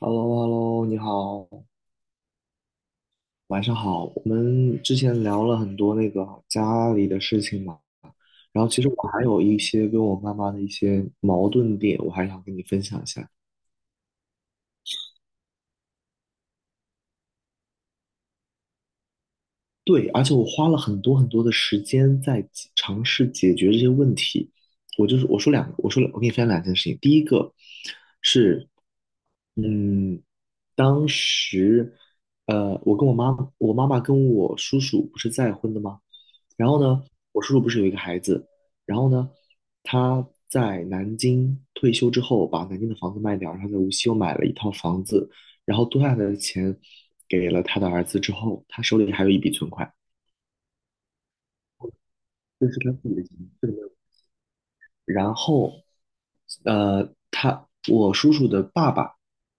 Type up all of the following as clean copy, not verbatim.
h e l l o h e l l o 你好，晚上好。我们之前聊了很多家里的事情嘛，然后其实我还有一些跟我妈妈的一些矛盾点，我还想跟你分享一下。对，而且我花了很多很多的时间在尝试解决这些问题。我就是我说两个，我说两我给你分享两件事情。第一个是，嗯。当时，呃，我跟我妈，我妈妈跟我叔叔不是再婚的吗？然后呢，我叔叔不是有一个孩子，然后呢，他在南京退休之后，把南京的房子卖掉，然后在无锡又买了一套房子，然后多下来的钱给了他的儿子之后，他手里还有一笔存款。然后，呃，他我叔叔的爸爸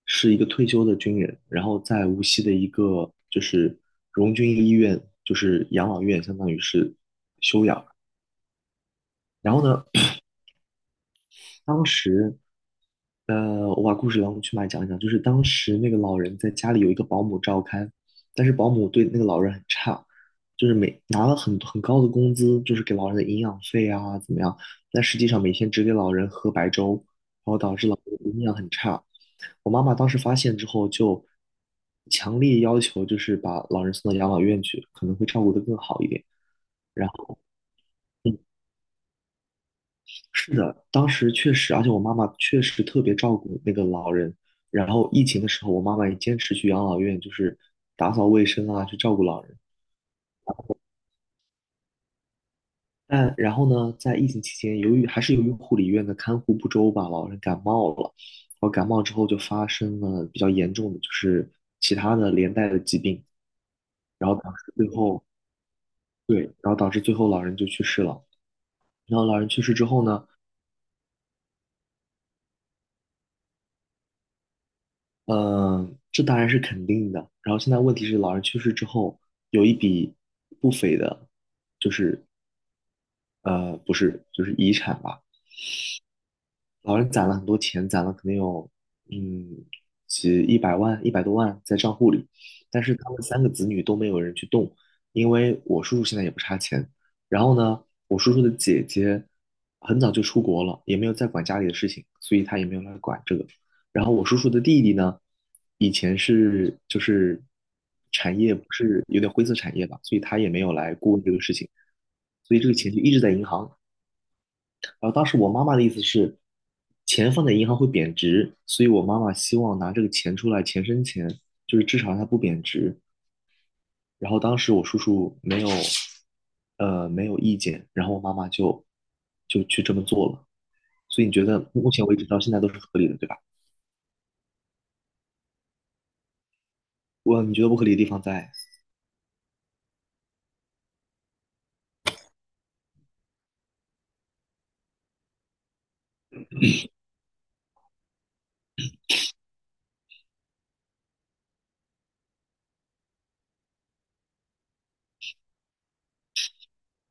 是一个退休的军人，然后在无锡的一个就是荣军医院，就是养老院，相当于是收养。然后呢，当时我把故事当中去脉讲一讲，就是当时那个老人在家里有一个保姆照看，但是保姆对那个老人很差，就是拿了很高的工资，就是给老人的营养费啊怎么样，但实际上每天只给老人喝白粥，然后导致老人营养很差。我妈妈当时发现之后，就强烈要求就是把老人送到养老院去，可能会照顾得更好一点。然后，嗯，是的，当时确实，而且我妈妈确实特别照顾那个老人。然后疫情的时候，我妈妈也坚持去养老院，就是打扫卫生啊，去照顾老人。但然后呢，在疫情期间，由于护理院的看护不周吧，老人感冒了。然后感冒之后就发生了比较严重的，就是其他的连带的疾病。然后当时最后对，然后导致最后老人就去世了。然后老人去世之后呢，嗯，这当然是肯定的。然后现在问题是，老人去世之后有一笔不菲的，呃，不是，就是遗产吧，老人攒了很多钱，攒了可能有嗯一百万、一百多万在账户里，但是他们三个子女都没有人去动，因为我叔叔现在也不差钱。然后呢，我叔叔的姐姐很早就出国了，也没有再管家里的事情，所以他也没有来管这个。然后我叔叔的弟弟呢，以前是就是产业不是有点灰色产业吧，所以他也没有来过问这个事情，所以这个钱就一直在银行。然后当时我妈妈的意思是，钱放在银行会贬值，所以我妈妈希望拿这个钱出来钱生钱，就是至少它不贬值。然后当时我叔叔没有意见，然后我妈妈就去这么做了。所以你觉得目前为止到现在都是合理的，对吧？你觉得不合理的地方在？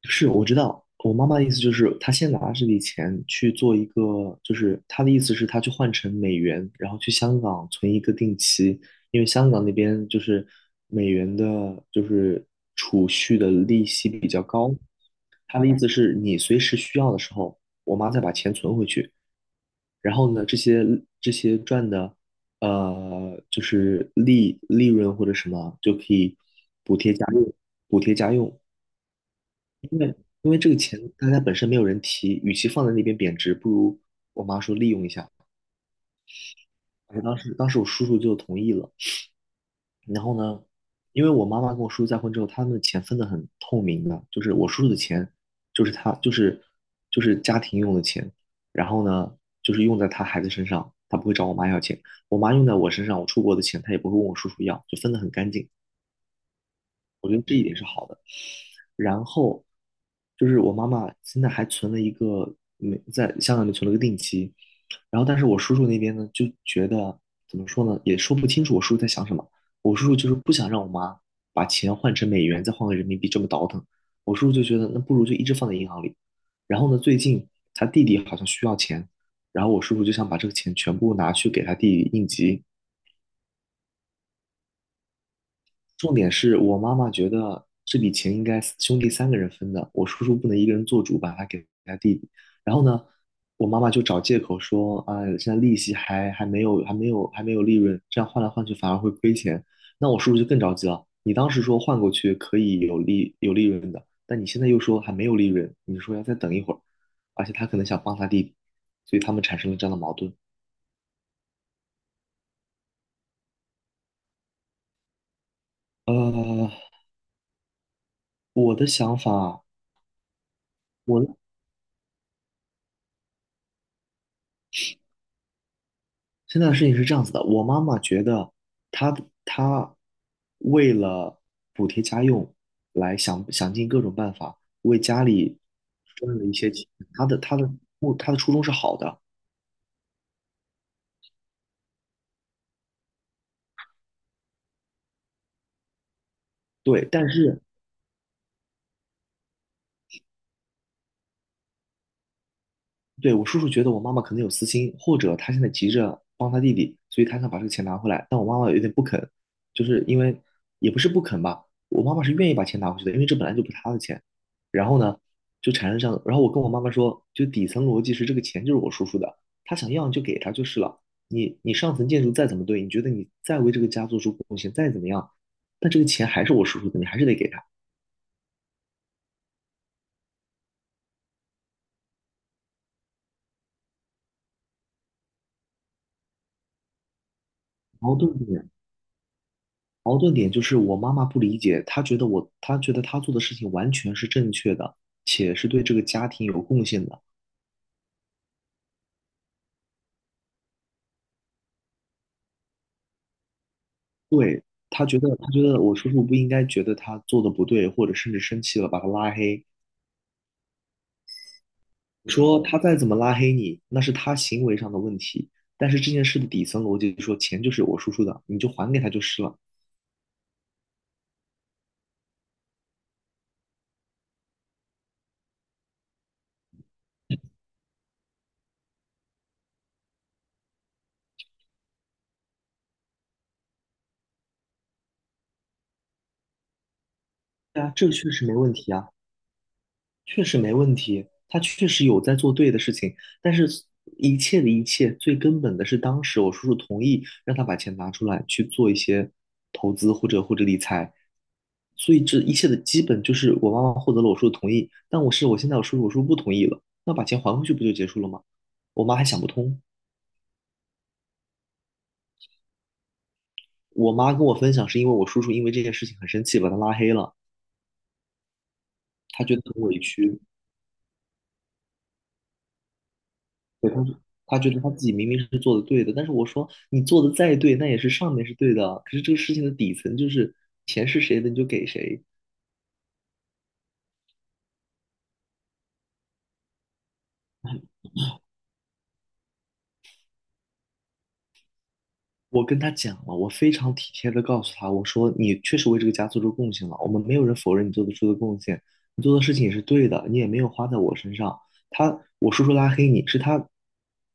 是，我知道。我妈妈的意思就是，她先拿这笔钱去做一个，就是她的意思是，她去换成美元，然后去香港存一个定期，因为香港那边就是美元的，就是储蓄的利息比较高。她的意思是你随时需要的时候，我妈再把钱存回去，然后呢，这些赚的，呃，就是利润或者什么，就可以补贴家用，补贴家用。因为这个钱大家本身没有人提，与其放在那边贬值，不如我妈说利用一下。而当时当时我叔叔就同意了。然后呢，因为我妈妈跟我叔叔再婚之后，他们的钱分得很透明的，就是我叔叔的钱就是他就是就是家庭用的钱，然后呢就是用在他孩子身上，他不会找我妈要钱。我妈用在我身上，我出国的钱他也不会问我叔叔要，就分得很干净。我觉得这一点是好的。然后就是我妈妈现在还存了一个没在香港里面存了个定期，然后但是我叔叔那边呢就觉得怎么说呢，也说不清楚我叔叔在想什么。我叔叔就是不想让我妈把钱换成美元，再换个人民币这么倒腾。我叔叔就觉得那不如就一直放在银行里。然后呢，最近他弟弟好像需要钱，然后我叔叔就想把这个钱全部拿去给他弟弟应急。重点是我妈妈觉得这笔钱应该兄弟三个人分的，我叔叔不能一个人做主，把它给他弟弟。然后呢，我妈妈就找借口说啊，现在利息还没有利润，这样换来换去反而会亏钱。那我叔叔就更着急了，你当时说换过去可以有利润的，但你现在又说还没有利润，你说要再等一会儿，而且他可能想帮他弟弟，所以他们产生了这样的矛盾。呃，我的想法。我。现在的事情是这样子的，我妈妈觉得她她为了补贴家用，想尽各种办法为家里赚了一些钱，她的她的她的初衷是好的，对，但是对，我叔叔觉得我妈妈可能有私心，或者他现在急着帮他弟弟，所以他想把这个钱拿回来。但我妈妈有点不肯，就是因为也不是不肯吧，我妈妈是愿意把钱拿回去的，因为这本来就不是她的钱。然后呢，就产生这样，然后我跟我妈妈说，就底层逻辑是这个钱就是我叔叔的，他想要你就给他就是了。你上层建筑再怎么对，你觉得你再为这个家做出贡献，再怎么样，但这个钱还是我叔叔的，你还是得给他。矛盾点矛盾点就是我妈妈不理解，她觉得她做的事情完全是正确的，且是对这个家庭有贡献的。她觉得我叔叔不应该觉得她做的不对，或者甚至生气了把她拉黑，说他再怎么拉黑你，那是他行为上的问题。但是这件事的底层逻辑是说，钱就是我叔叔的，你就还给他就是了。对啊，这个确实没问题啊。确实没问题，他确实有在做对的事情，但是一切的一切，最根本的是当时我叔叔同意让他把钱拿出来去做一些投资或者理财，所以这一切的基本就是我妈妈获得了我叔叔同意，但我是我现在我叔叔我叔叔不同意了，那把钱还回去不就结束了吗？我妈还想不通。我妈跟我分享是因为我叔叔因为这件事情很生气，把他拉黑了，她觉得很委屈。他觉得他自己明明是做的对的，但是我说你做的再对，那也是上面是对的啊，可是这个事情的底层就是钱是谁的你就给谁。我跟他讲了，我非常体贴的告诉他，我说你确实为这个家做出贡献了，我们没有人否认你做得出的贡献，你做的事情也是对的，你也没有花在我身上。我叔叔拉黑你是他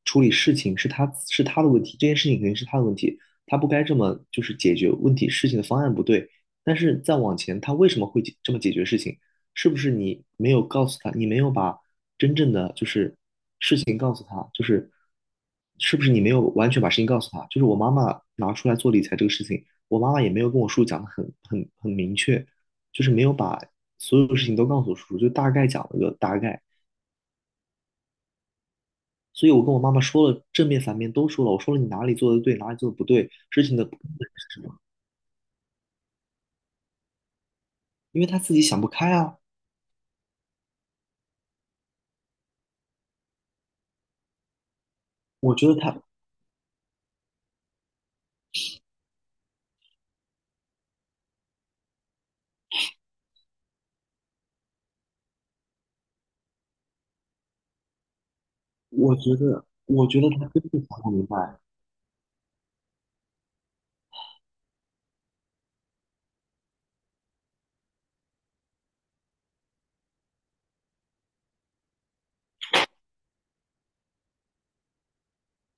处理事情是他的问题，这件事情肯定是他的问题，他不该这么就是解决问题事情的方案不对。但是再往前，他为什么会解这么解决事情？是不是你没有告诉他，你没有把真正的就是情告诉他，就是是不是你没有完全把事情告诉他？就是我妈妈拿出来做理财这个事情，我妈妈也没有跟我叔叔讲的很明确，就是没有把所有的事情都告诉我叔叔，就大概讲了个大概。所以我跟我妈妈说了正面反面都说了，我说了你哪里做的对，哪里做的不对，事情的根本是什么？因为她自己想不开啊。我觉得她，我觉得她真的想不明白。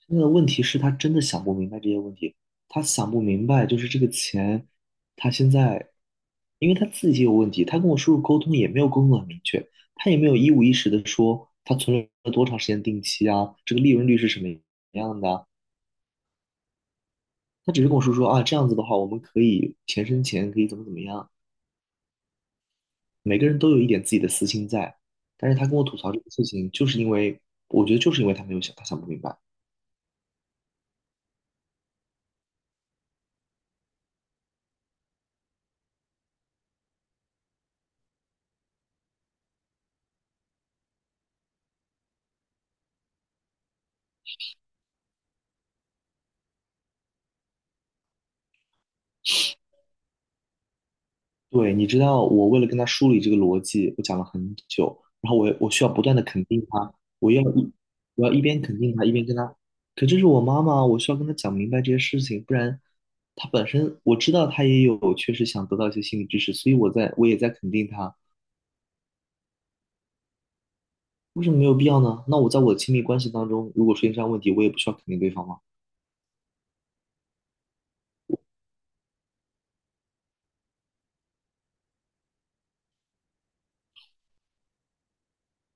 现在的问题是他真的想不明白这些问题，他想不明白就是这个钱，他现在，因为他自己也有问题，他跟我叔叔沟通也没有沟通很明确，他也没有一五一十的说他存了多长时间定期啊，这个利润率是什么样的啊他只是跟我叔说啊，这样子的话我们可以钱生钱，可以怎么怎么样，每个人都有一点自己的私心在，但是他跟我吐槽这个事情，就是因为我觉得就是因为他没有想，他想不明白。对，你知道，我为了跟他梳理这个逻辑，我讲了很久，然后我需要不断的肯定他，我要一我要一边肯定他，一边跟他，可这是我妈妈，我需要跟他讲明白这些事情，不然他本身我知道他也有确实想得到一些心理知识，所以我也在肯定他。为什么没有必要呢？那我在我的亲密关系当中，如果出现这样问题，我也不需要肯定对方吗？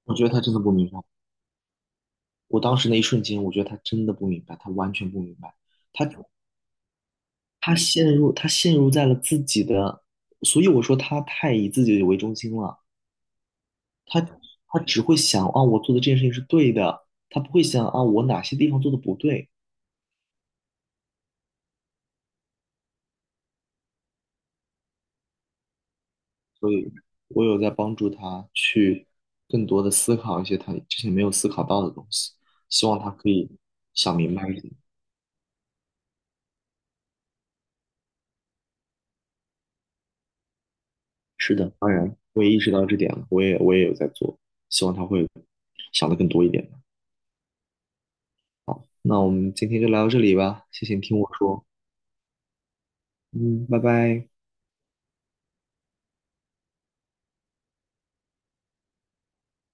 我觉得他真的不明白。我当时那一瞬间，我觉得他真的不明白，他完全不明白。他他陷入，他陷入在了自己的，所以我说他太以自己为中心了。他他只会想啊，我做的这件事情是对的，他不会想啊，我哪些地方做的不对。所以，我有在帮助他去更多的思考一些他之前没有思考到的东西，希望他可以想明白一点。是的，当然，我也意识到这点了，我也有在做，希望他会想的更多一点。好，那我们今天就聊到这里吧，谢谢你听我说。嗯，拜拜。